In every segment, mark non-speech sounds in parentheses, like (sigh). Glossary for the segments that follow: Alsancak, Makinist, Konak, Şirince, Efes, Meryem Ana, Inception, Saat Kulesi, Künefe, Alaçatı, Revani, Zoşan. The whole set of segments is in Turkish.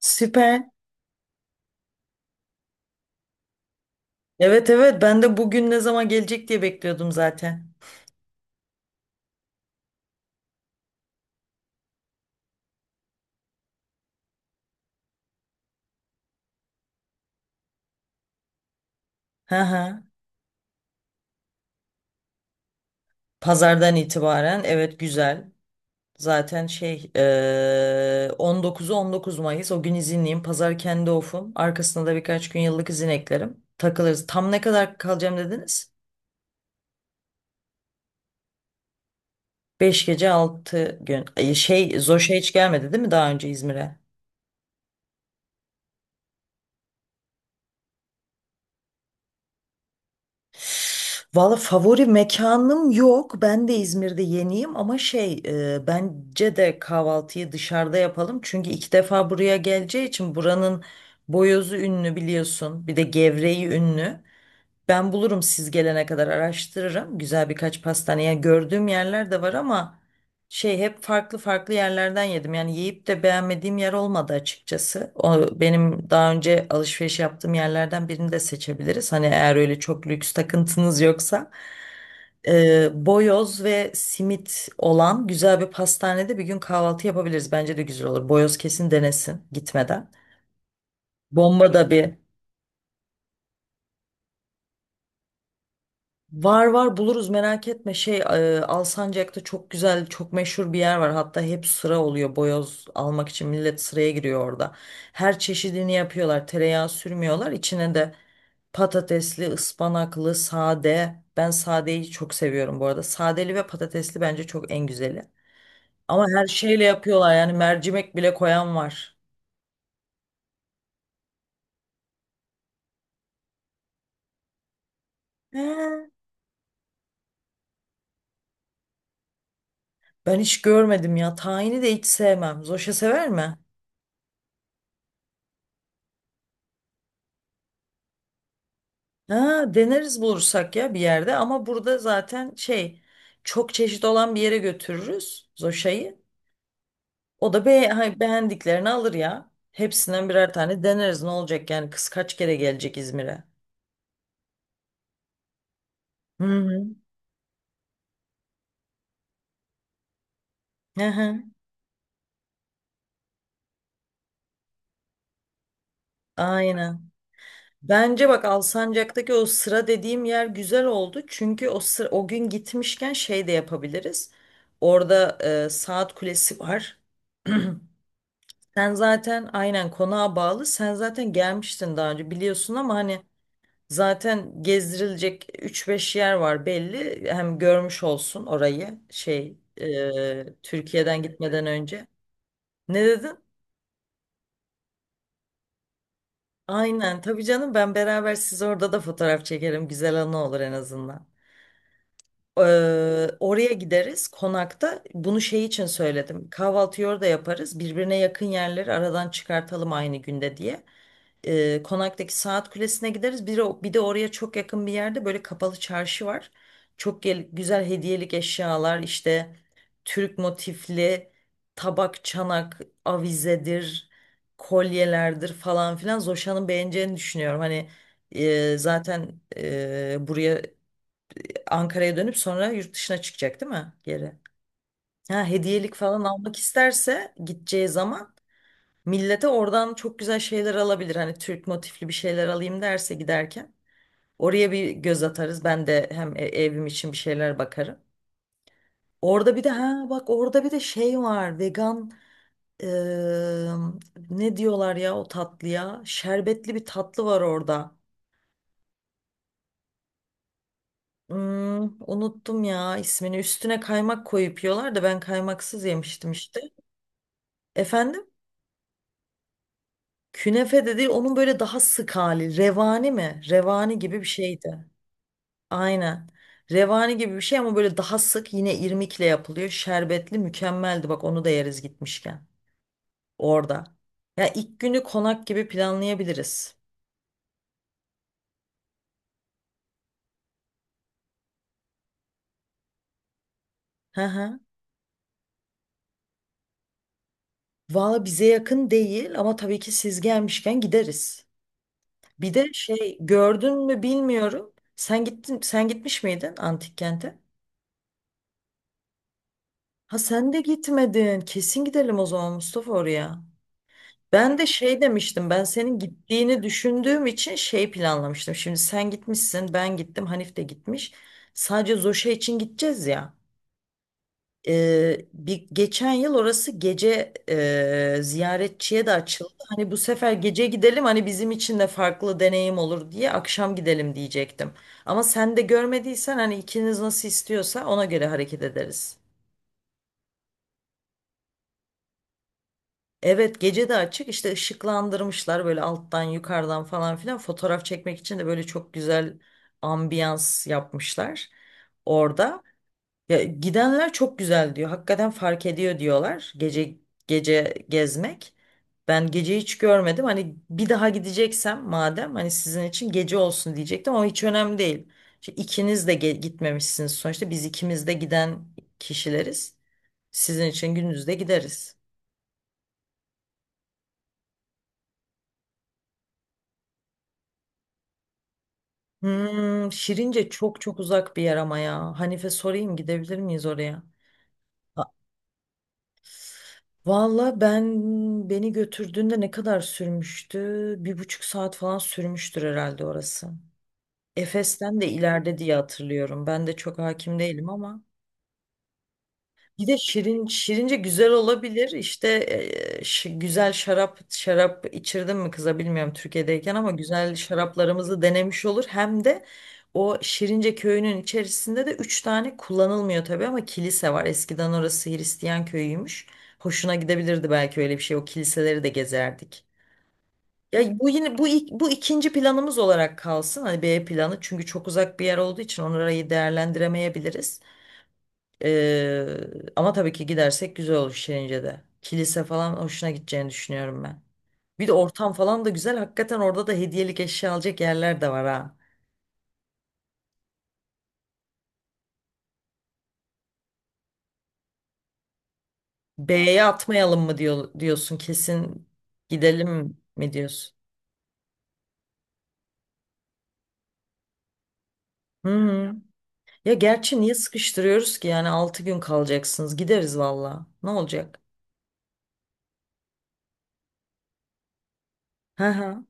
Süper. Evet evet ben de bugün ne zaman gelecek diye bekliyordum zaten. Hı hı. Pazardan itibaren evet güzel. Zaten 19'u 19 Mayıs o gün izinliyim. Pazar kendi ofum. Arkasına da birkaç gün yıllık izin eklerim. Takılırız. Tam ne kadar kalacağım dediniz? 5 gece 6 gün. Ay, Zoş'a hiç gelmedi değil mi daha önce İzmir'e? Valla favori mekanım yok. Ben de İzmir'de yeniyim ama bence de kahvaltıyı dışarıda yapalım. Çünkü iki defa buraya geleceği için buranın boyozu ünlü biliyorsun. Bir de gevreği ünlü. Ben bulurum siz gelene kadar araştırırım. Güzel birkaç pastaneye gördüğüm yerler de var ama hep farklı farklı yerlerden yedim. Yani yiyip de beğenmediğim yer olmadı açıkçası. O benim daha önce alışveriş yaptığım yerlerden birini de seçebiliriz. Hani eğer öyle çok lüks takıntınız yoksa. Boyoz ve simit olan güzel bir pastanede bir gün kahvaltı yapabiliriz. Bence de güzel olur. Boyoz kesin denesin gitmeden. Bomba da bir. Var var buluruz merak etme. Alsancak'ta çok güzel, çok meşhur bir yer var. Hatta hep sıra oluyor boyoz almak için millet sıraya giriyor orada. Her çeşidini yapıyorlar. Tereyağı sürmüyorlar. İçine de patatesli, ıspanaklı, sade. Ben sadeyi çok seviyorum bu arada. Sadeli ve patatesli bence çok en güzeli. Ama her şeyle yapıyorlar yani mercimek bile koyan var. He. Ben hiç görmedim ya. Tahini de hiç sevmem. Zoşa sever mi? Ha, deneriz bulursak ya bir yerde ama burada zaten çok çeşit olan bir yere götürürüz Zoşa'yı. O da be ha, beğendiklerini alır ya. Hepsinden birer tane deneriz ne olacak yani kız kaç kere gelecek İzmir'e. Hı hı. Hı hı. Aynen. Bence bak Alsancak'taki o sıra dediğim yer güzel oldu. Çünkü o sıra, o gün gitmişken şey de yapabiliriz. Orada saat kulesi var. (clears throat) Sen zaten aynen konağa bağlı. Sen zaten gelmiştin daha önce biliyorsun ama hani zaten gezdirilecek üç beş yer var belli. Hem görmüş olsun orayı Türkiye'den gitmeden önce. Ne dedin? Aynen tabii canım ben beraber siz orada da fotoğraf çekerim. Güzel anı olur en azından. Ee, Oraya gideriz konakta. Bunu şey için söyledim. Kahvaltıyı orada yaparız. Birbirine yakın yerleri aradan çıkartalım aynı günde diye. Konak'taki Saat Kulesi'ne gideriz. Bir de oraya çok yakın bir yerde böyle kapalı çarşı var. Çok güzel hediyelik eşyalar işte Türk motifli tabak, çanak, avizedir, kolyelerdir falan filan. Zoşan'ın beğeneceğini düşünüyorum. Hani zaten buraya Ankara'ya dönüp sonra yurt dışına çıkacak değil mi geri? Ha, hediyelik falan almak isterse gideceği zaman millete oradan çok güzel şeyler alabilir. Hani Türk motifli bir şeyler alayım derse giderken. Oraya bir göz atarız. Ben de hem evim için bir şeyler bakarım. Orada bir de ha bak orada bir de şey var. Vegan eee, ne diyorlar ya o tatlıya? Şerbetli bir tatlı var orada. Unuttum ya ismini. Üstüne kaymak koyup yiyorlar da ben kaymaksız yemiştim işte. Efendim? Künefe de değil onun böyle daha sık hali. Revani mi? Revani gibi bir şeydi. Aynen. Revani gibi bir şey ama böyle daha sık yine irmikle yapılıyor. Şerbetli mükemmeldi. Bak onu da yeriz gitmişken. Orada. Ya ilk günü konak gibi planlayabiliriz. Hı hı. Valla bize yakın değil ama tabii ki siz gelmişken gideriz. Bir de şey gördün mü bilmiyorum. Sen gitmiş miydin antik kente? Ha sen de gitmedin. Kesin gidelim o zaman Mustafa oraya. Ben de şey demiştim ben senin gittiğini düşündüğüm için şey planlamıştım. Şimdi sen gitmişsin ben gittim Hanif de gitmiş. Sadece Zoşa için gideceğiz ya. Bir geçen yıl orası gece ziyaretçiye de açıldı. Hani bu sefer gece gidelim hani bizim için de farklı deneyim olur diye akşam gidelim diyecektim. Ama sen de görmediysen hani ikiniz nasıl istiyorsa ona göre hareket ederiz. Evet gece de açık işte ışıklandırmışlar böyle alttan yukarıdan falan filan fotoğraf çekmek için de böyle çok güzel ambiyans yapmışlar orada. Ya, gidenler çok güzel diyor hakikaten fark ediyor diyorlar gece gece gezmek. Ben gece hiç görmedim hani bir daha gideceksem madem hani sizin için gece olsun diyecektim ama hiç önemli değil. Şimdi ikiniz de gitmemişsiniz sonuçta biz ikimiz de giden kişileriz sizin için gündüz de gideriz. Şirince çok çok uzak bir yer ama ya. Hanife sorayım gidebilir miyiz oraya? A- Valla ben beni götürdüğünde ne kadar sürmüştü? Bir buçuk saat falan sürmüştür herhalde orası. Efes'ten de ileride diye hatırlıyorum. Ben de çok hakim değilim ama. Bir de Şirince güzel olabilir. İşte güzel şarap içirdim mi kıza bilmiyorum Türkiye'deyken ama güzel şaraplarımızı denemiş olur. Hem de o Şirince köyünün içerisinde de üç tane kullanılmıyor tabii ama kilise var. Eskiden orası Hristiyan köyüymüş. Hoşuna gidebilirdi belki öyle bir şey. O kiliseleri de gezerdik. Ya bu yine bu ikinci planımız olarak kalsın. Hani B planı çünkü çok uzak bir yer olduğu için orayı değerlendiremeyebiliriz. Ee, Ama tabii ki gidersek güzel olur Şirince'de. Kilise falan hoşuna gideceğini düşünüyorum ben. Bir de ortam falan da güzel. Hakikaten orada da hediyelik eşya alacak yerler de var ha. B'ye atmayalım mı diyorsun kesin gidelim mi diyorsun? Hı hı. Ya gerçi niye sıkıştırıyoruz ki yani 6 gün kalacaksınız gideriz valla. Ne olacak? Hı hı.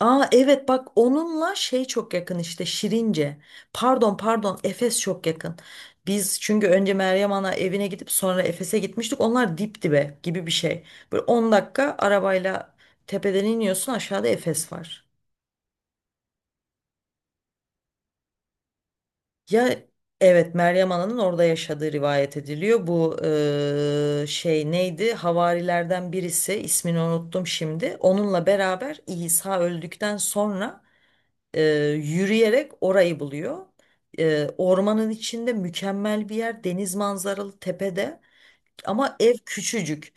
Aa evet bak onunla şey çok yakın işte Şirince. Pardon pardon Efes çok yakın. Biz çünkü önce Meryem Ana evine gidip sonra Efes'e gitmiştik. Onlar dip dibe gibi bir şey. Böyle 10 dakika arabayla tepeden iniyorsun aşağıda Efes var. Ya evet Meryem Ana'nın orada yaşadığı rivayet ediliyor. Bu şey neydi? Havarilerden birisi ismini unuttum şimdi. Onunla beraber İsa öldükten sonra e, yürüyerek orayı buluyor. Ormanın içinde mükemmel bir yer, deniz manzaralı tepede ama ev küçücük.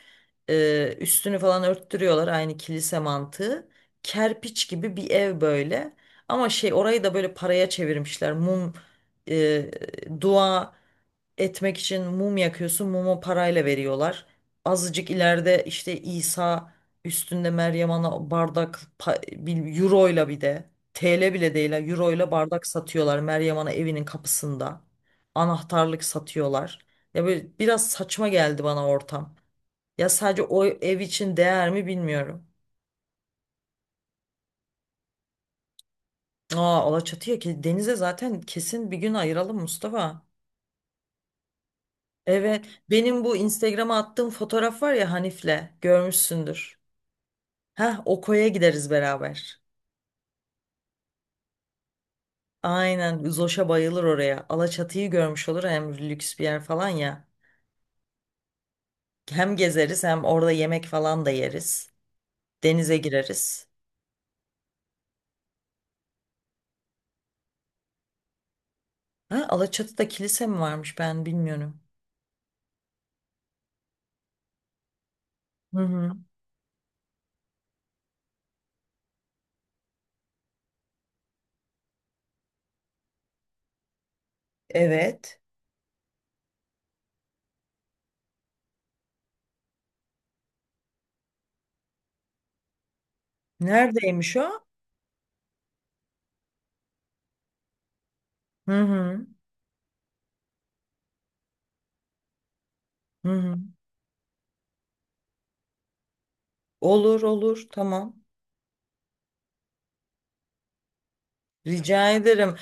Üstünü falan örttürüyorlar aynı kilise mantığı. Kerpiç gibi bir ev böyle. Ama orayı da böyle paraya çevirmişler. Mum, e, dua etmek için mum yakıyorsun. Mumu parayla veriyorlar. Azıcık ileride işte İsa üstünde Meryem Ana bardak euro ile bir de TL bile değil ha, euro ile bardak satıyorlar Meryem Ana evinin kapısında. Anahtarlık satıyorlar. Ya böyle biraz saçma geldi bana ortam. Ya sadece o ev için değer mi bilmiyorum. Aa Alaçatı'ya ki denize zaten kesin bir gün ayıralım Mustafa. Evet, benim bu Instagram'a attığım fotoğraf var ya Hanif'le görmüşsündür. Heh, o koya gideriz beraber. Aynen Zoş'a bayılır oraya. Alaçatı'yı görmüş olur hem lüks bir yer falan ya. Hem gezeriz hem orada yemek falan da yeriz. Denize gireriz. Ha, Alaçatı'da kilise mi varmış ben bilmiyorum. Hı hı. Evet. Neredeymiş o? Hı hı. Hı hı. Olur olur tamam. Rica ederim.